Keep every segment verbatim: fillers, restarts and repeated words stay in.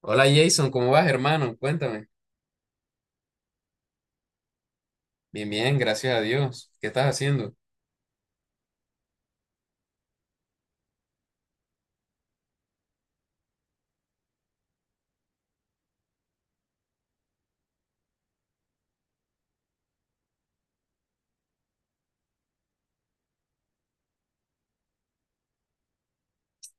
Hola Jason, ¿cómo vas, hermano? Cuéntame. Bien, bien, gracias a Dios. ¿Qué estás haciendo?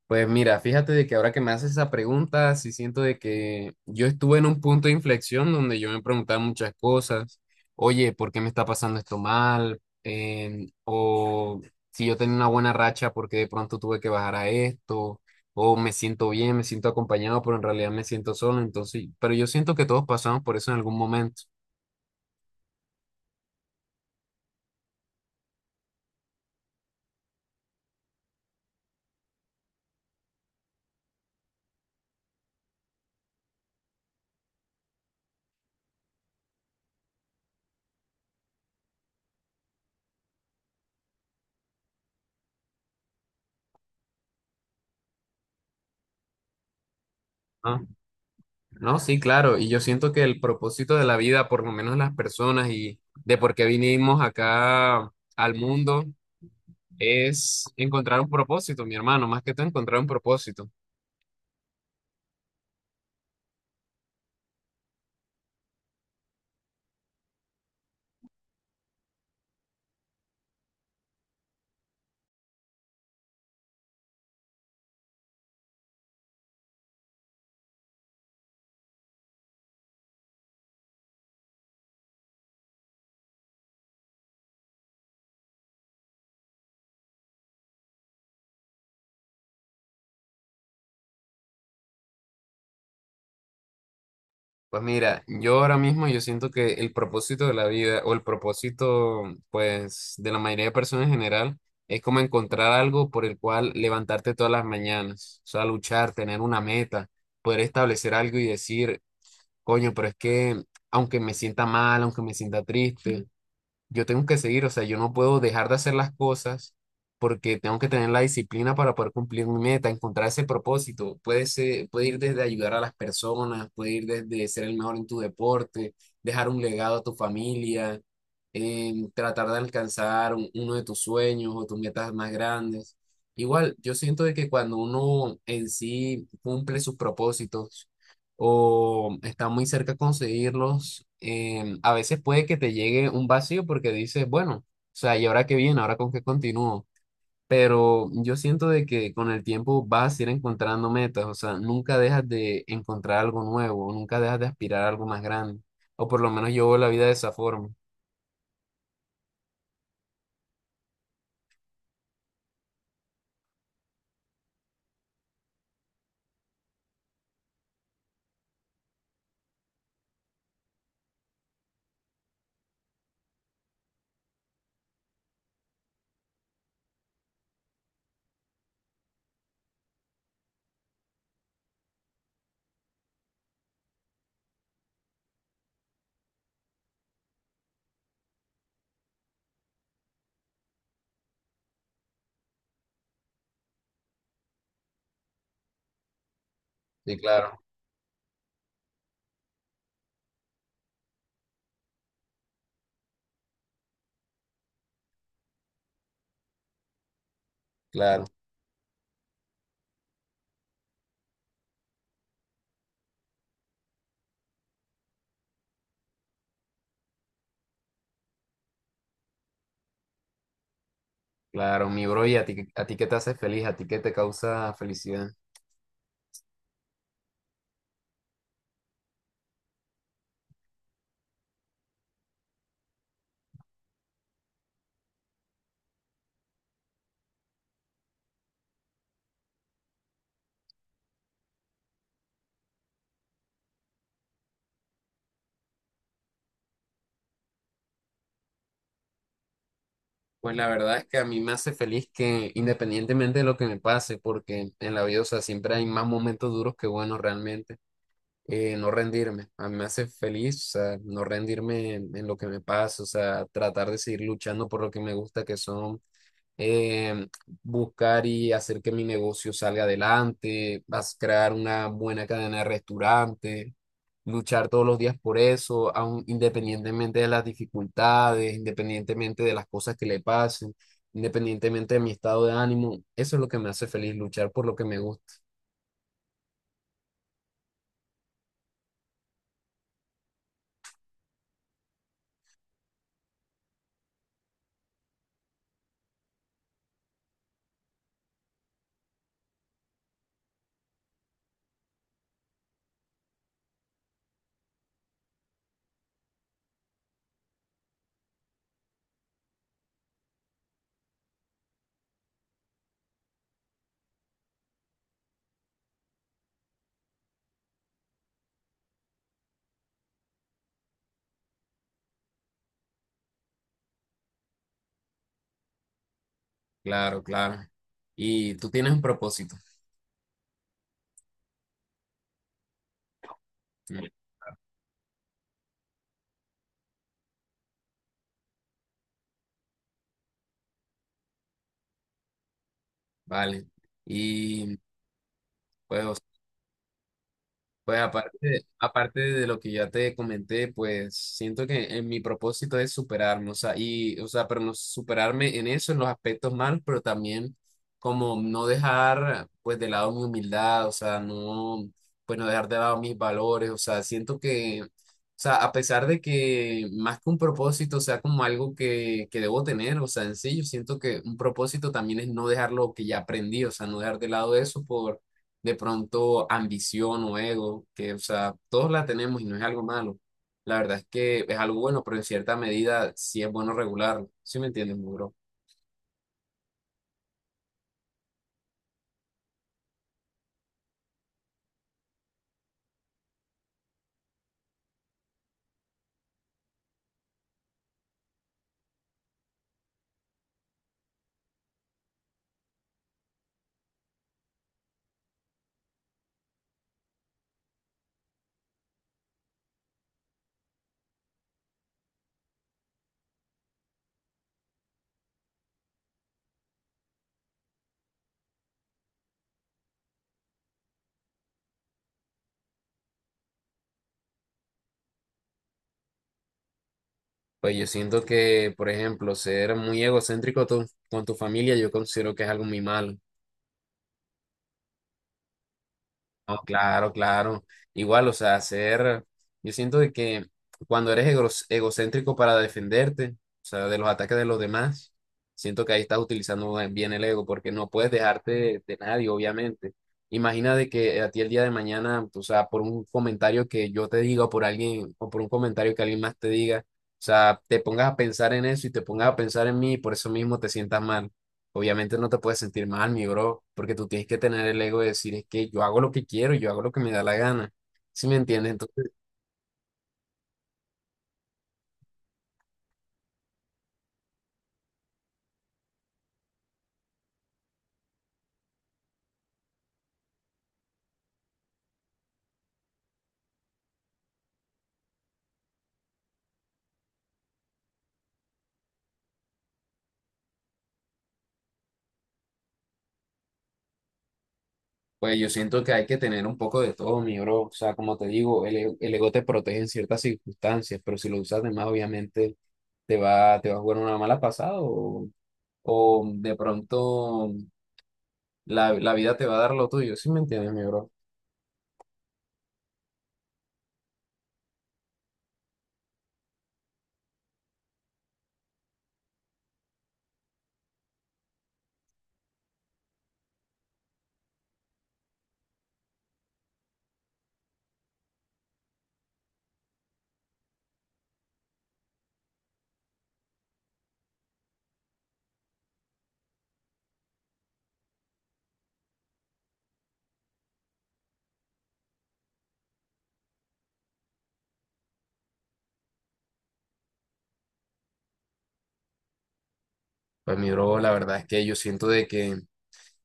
Pues mira, fíjate de que ahora que me haces esa pregunta, sí siento de que yo estuve en un punto de inflexión donde yo me preguntaba muchas cosas. Oye, ¿por qué me está pasando esto mal? Em, o si yo tenía una buena racha, ¿por qué de pronto tuve que bajar a esto? O me siento bien, me siento acompañado, pero en realidad me siento solo. Entonces, pero yo siento que todos pasamos por eso en algún momento. ¿No? No, sí, claro, y yo siento que el propósito de la vida, por lo menos las personas y de por qué vinimos acá al mundo, es encontrar un propósito, mi hermano, más que todo encontrar un propósito. Pues mira, yo ahora mismo yo siento que el propósito de la vida o el propósito pues de la mayoría de personas en general es como encontrar algo por el cual levantarte todas las mañanas, o sea, luchar, tener una meta, poder establecer algo y decir, coño, pero es que aunque me sienta mal, aunque me sienta triste, yo tengo que seguir, o sea, yo no puedo dejar de hacer las cosas porque tengo que tener la disciplina para poder cumplir mi meta, encontrar ese propósito. Puede ser, puede ir desde ayudar a las personas, puede ir desde ser el mejor en tu deporte, dejar un legado a tu familia, em, tratar de alcanzar un- uno de tus sueños o tus metas más grandes. Igual, yo siento de que cuando uno en sí cumple sus propósitos, o está muy cerca conseguirlos, em, a veces puede que te llegue un vacío porque dices, bueno, o sea, ¿y ahora qué viene? ¿Ahora con qué continúo? Pero yo siento de que con el tiempo vas a ir encontrando metas, o sea, nunca dejas de encontrar algo nuevo, nunca dejas de aspirar a algo más grande, o por lo menos yo veo la vida de esa forma. Sí, claro, claro, claro, mi bro, y a ti, a ti qué te hace feliz, a ti qué te causa felicidad. Pues la verdad es que a mí me hace feliz que independientemente de lo que me pase, porque en la vida, o sea, siempre hay más momentos duros que buenos realmente, eh, no rendirme. A mí me hace feliz, o sea, no rendirme en, en lo que me pasa, o sea, tratar de seguir luchando por lo que me gusta, que son eh, buscar y hacer que mi negocio salga adelante, vas a crear una buena cadena de restaurantes, luchar todos los días por eso, aun independientemente de las dificultades, independientemente de las cosas que le pasen, independientemente de mi estado de ánimo, eso es lo que me hace feliz, luchar por lo que me gusta. Claro, claro. Y tú tienes un propósito. Sí. Vale. Y pues, o pues aparte, aparte de lo que ya te comenté, pues siento que en mi propósito es superarme, o sea, y, o sea, pero no superarme en eso, en los aspectos malos, pero también como no dejar, pues, de lado mi humildad, o sea, no, pues, no dejar de lado mis valores, o sea, siento que, o sea, a pesar de que más que un propósito sea como algo que, que debo tener, o sea, en sí, yo siento que un propósito también es no dejar lo que ya aprendí, o sea, no dejar de lado eso por de pronto ambición o ego, que, o sea, todos la tenemos y no es algo malo. La verdad es que es algo bueno, pero en cierta medida sí es bueno regularlo. ¿Sí me entiendes, mi bro? Pues yo siento que, por ejemplo, ser muy egocéntrico tú- con tu familia, yo considero que es algo muy malo. No, claro, claro. Igual, o sea, ser, yo siento de que cuando eres egros- egocéntrico para defenderte, o sea, de los ataques de los demás, siento que ahí estás utilizando bien el ego, porque no puedes dejarte de, de nadie, obviamente. Imagina de que a ti el día de mañana, o sea, por un comentario que yo te diga o por alguien, o por un comentario que alguien más te diga, o sea, te pongas a pensar en eso y te pongas a pensar en mí y por eso mismo te sientas mal. Obviamente no te puedes sentir mal, mi bro, porque tú tienes que tener el ego de decir, es que yo hago lo que quiero, yo hago lo que me da la gana. ¿Sí me entiendes? Entonces, pues yo siento que hay que tener un poco de todo, mi bro. O sea, como te digo, el, e- el ego te protege en ciertas circunstancias, pero si lo usas de más, obviamente te va, te va a jugar una mala pasada o, o de pronto la, la vida te va a dar lo tuyo. ¿Sí me entiendes, mi bro? Pues mi bro, la verdad es que yo siento de que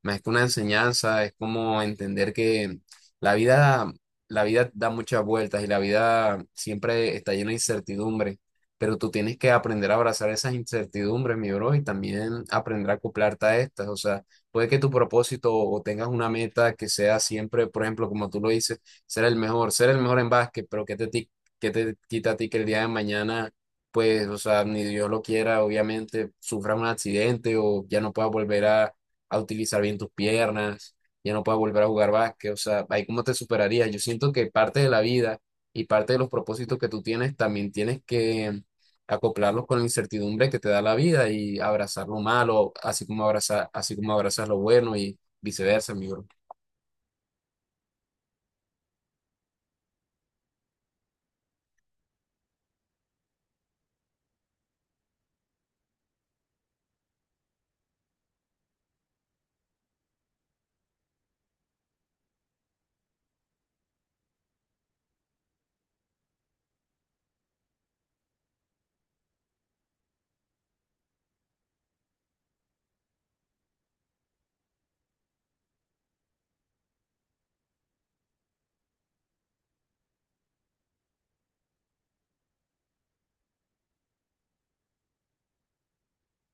más que una enseñanza, es como entender que la vida, la vida da muchas vueltas y la vida siempre está llena de incertidumbre, pero tú tienes que aprender a abrazar esas incertidumbres, mi bro, y también aprender a acoplarte a estas. O sea, puede que tu propósito o tengas una meta que sea siempre, por ejemplo, como tú lo dices, ser el mejor, ser el mejor en básquet, pero que te, ti- qué te quita a ti que el día de mañana pues, o sea, ni Dios lo quiera, obviamente, sufra un accidente o ya no pueda volver a, a utilizar bien tus piernas, ya no puedes volver a jugar básquet, o sea, ahí cómo te superarías. Yo siento que parte de la vida y parte de los propósitos que tú tienes también tienes que acoplarlos con la incertidumbre que te da la vida y abrazar lo malo, así como abrazar, así como abrazas lo bueno y viceversa, amigo.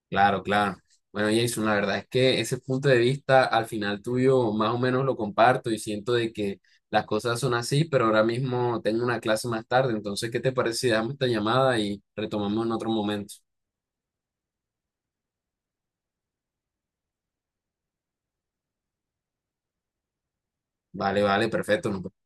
Claro, claro. Bueno, Jason, la verdad es que ese punto de vista al final tuyo más o menos lo comparto y siento de que las cosas son así, pero ahora mismo tengo una clase más tarde, entonces, ¿qué te parece si damos esta llamada y retomamos en otro momento? Vale, vale, perfecto. Nos